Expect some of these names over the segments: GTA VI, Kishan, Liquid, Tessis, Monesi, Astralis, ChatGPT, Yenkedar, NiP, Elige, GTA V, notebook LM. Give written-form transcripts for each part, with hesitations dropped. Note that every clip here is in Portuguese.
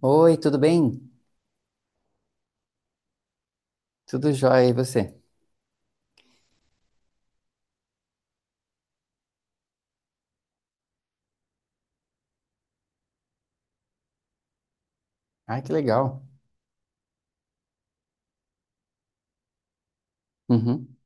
Oi, tudo bem? Tudo jóia, e você? Ai, que legal. Uhum.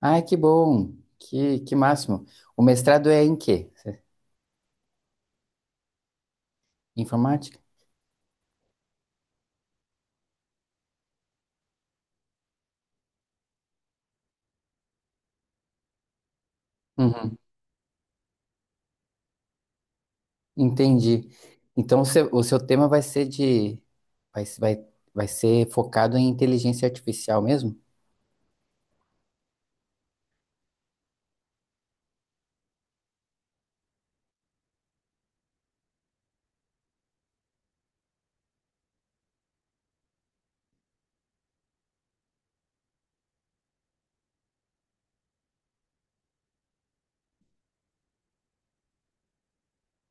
Ai, que bom. Que máximo. O mestrado é em quê? Informática? Uhum. Entendi. Então, o seu tema vai ser de... Vai, se- vai, vai ser focado em inteligência artificial mesmo?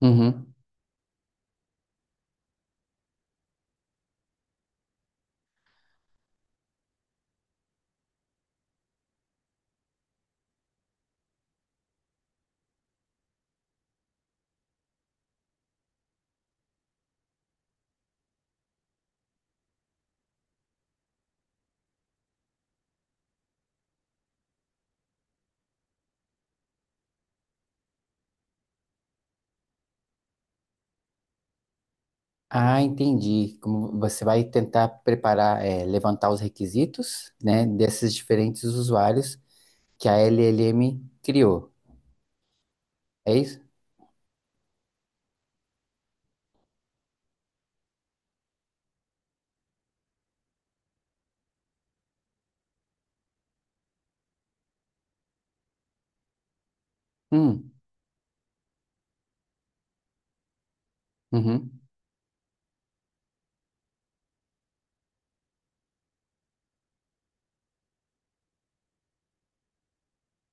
Uhum. Ah, entendi. Como você vai tentar preparar, levantar os requisitos, né, desses diferentes usuários que a LLM criou. É isso? Hum. Uhum.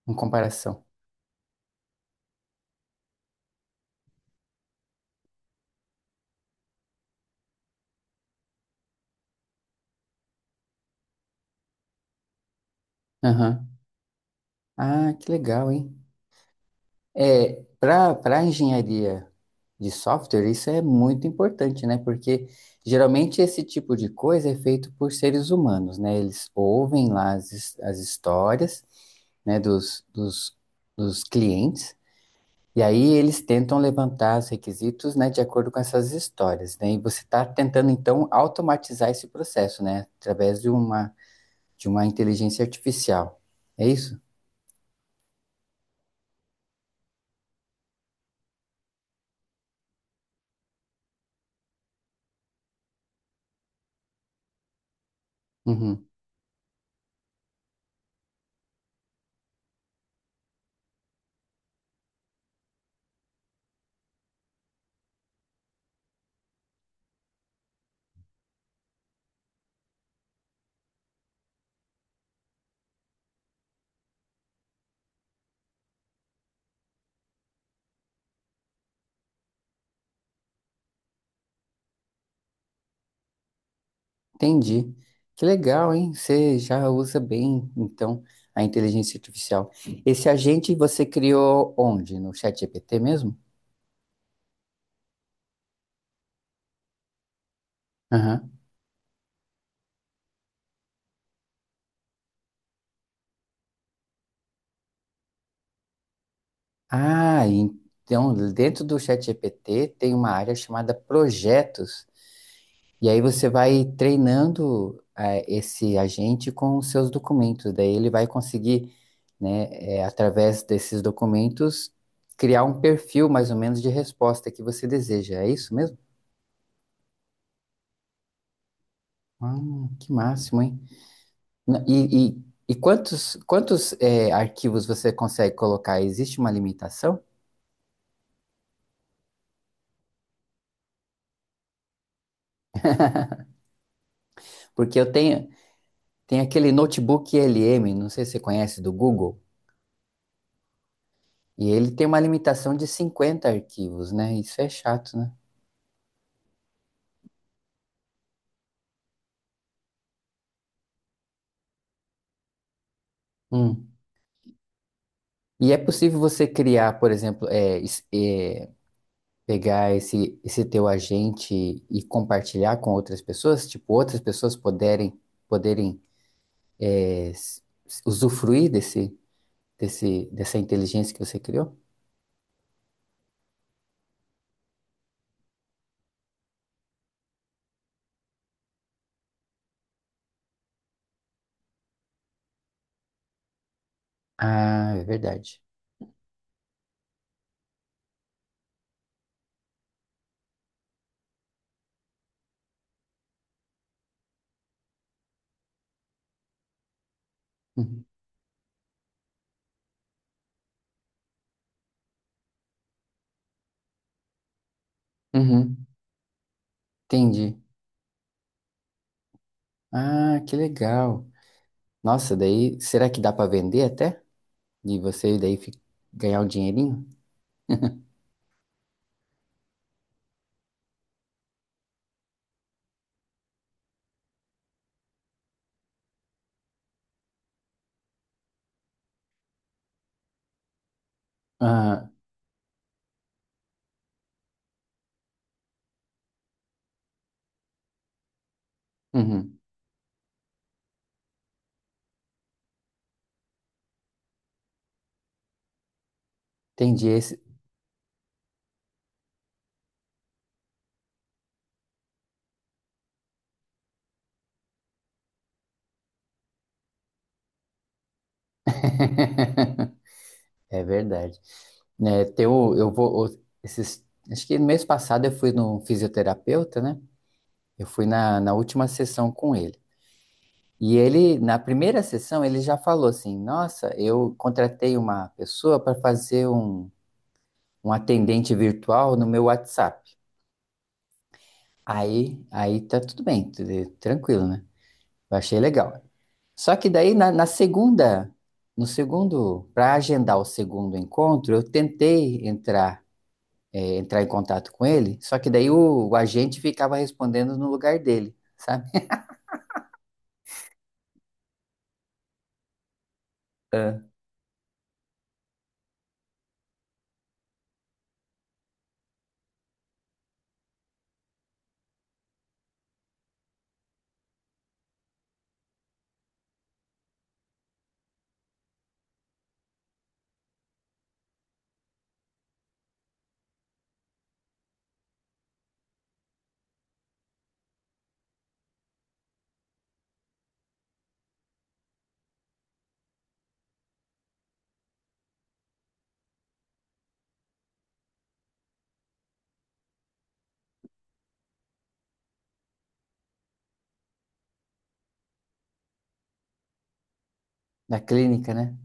Uma comparação. Aham. Ah, que legal, hein? É, para engenharia de software, isso é muito importante, né? Porque geralmente esse tipo de coisa é feito por seres humanos, né? Eles ouvem lá as, as histórias, né, dos clientes, e aí eles tentam levantar os requisitos, né, de acordo com essas histórias, né? E você está tentando, então, automatizar esse processo, né? Através de uma inteligência artificial. É isso? Uhum. Entendi. Que legal, hein? Você já usa bem, então, a inteligência artificial. Esse agente você criou onde? No ChatGPT mesmo? Aham. Ah, então, dentro do ChatGPT tem uma área chamada projetos. E aí você vai treinando esse agente com os seus documentos. Daí ele vai conseguir, né, através desses documentos, criar um perfil mais ou menos de resposta que você deseja. É isso mesmo? Ah, que máximo, hein? N- E, e, e quantos arquivos você consegue colocar? Existe uma limitação? Porque eu tenho, tem aquele notebook LM, não sei se você conhece, do Google, e ele tem uma limitação de 50 arquivos, né? Isso é chato, né? Hum. E é possível você criar, por exemplo, pegar esse teu agente e compartilhar com outras pessoas? Tipo, outras pessoas poderem, poderem é, s- usufruir dessa inteligência que você criou? Ah, é verdade. Uhum. Uhum. Entendi. Ah, que legal. Nossa, daí será que dá para vender até? E você daí fi- ganhar um dinheirinho? Ah, uhum. Entendi esse. É verdade. Né, tem o- eu vou, o- esses, acho que no mês passado eu fui no fisioterapeuta, né? Eu fui na, na última sessão com ele. E ele, na primeira sessão, ele já falou assim: Nossa, eu contratei uma pessoa para fazer um. Um atendente virtual no meu WhatsApp. Aí tá tudo bem, tudo tranquilo, né? Eu achei legal. Só que daí na segunda, no segundo, para agendar o segundo encontro, eu tentei entrar, entrar em contato com ele, só que daí o agente ficava respondendo no lugar dele, sabe? Ah, na clínica, né?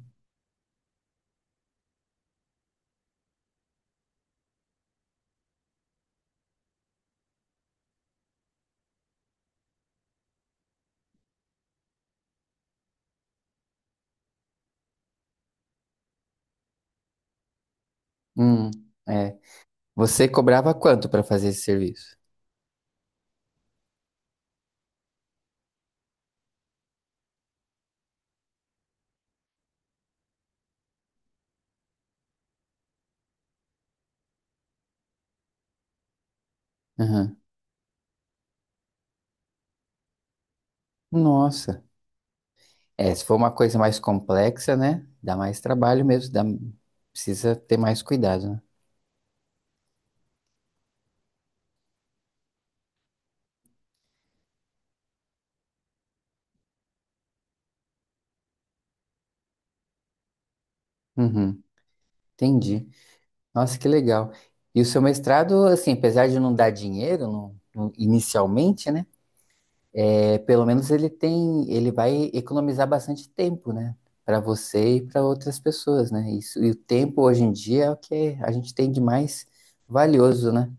Hum, é. Você cobrava quanto para fazer esse serviço? Aham. Nossa. É, se for uma coisa mais complexa, né? Dá mais trabalho mesmo, dá, precisa ter mais cuidado, né? Uhum, entendi. Nossa, que legal. E o seu mestrado, assim, apesar de não dar dinheiro inicialmente, né? É, pelo menos ele tem, ele vai economizar bastante tempo, né? Para você e para outras pessoas, né? Isso, e o tempo hoje em dia é o que a gente tem de mais valioso, né?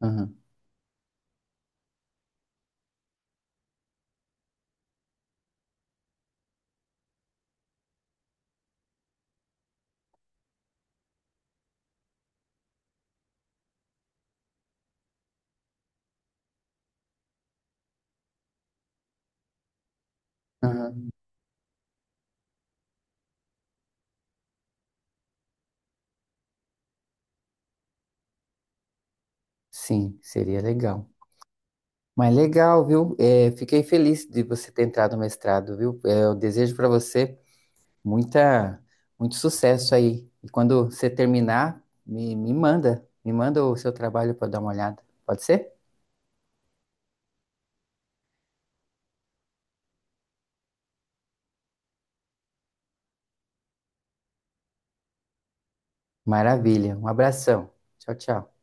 Uhum, uhum. Sim, seria legal. Mas legal, viu? É, fiquei feliz de você ter entrado no mestrado, viu? É, eu desejo para você muita, muito sucesso aí. E quando você terminar, me manda o seu trabalho para dar uma olhada. Pode ser? Maravilha. Um abração. Tchau, tchau.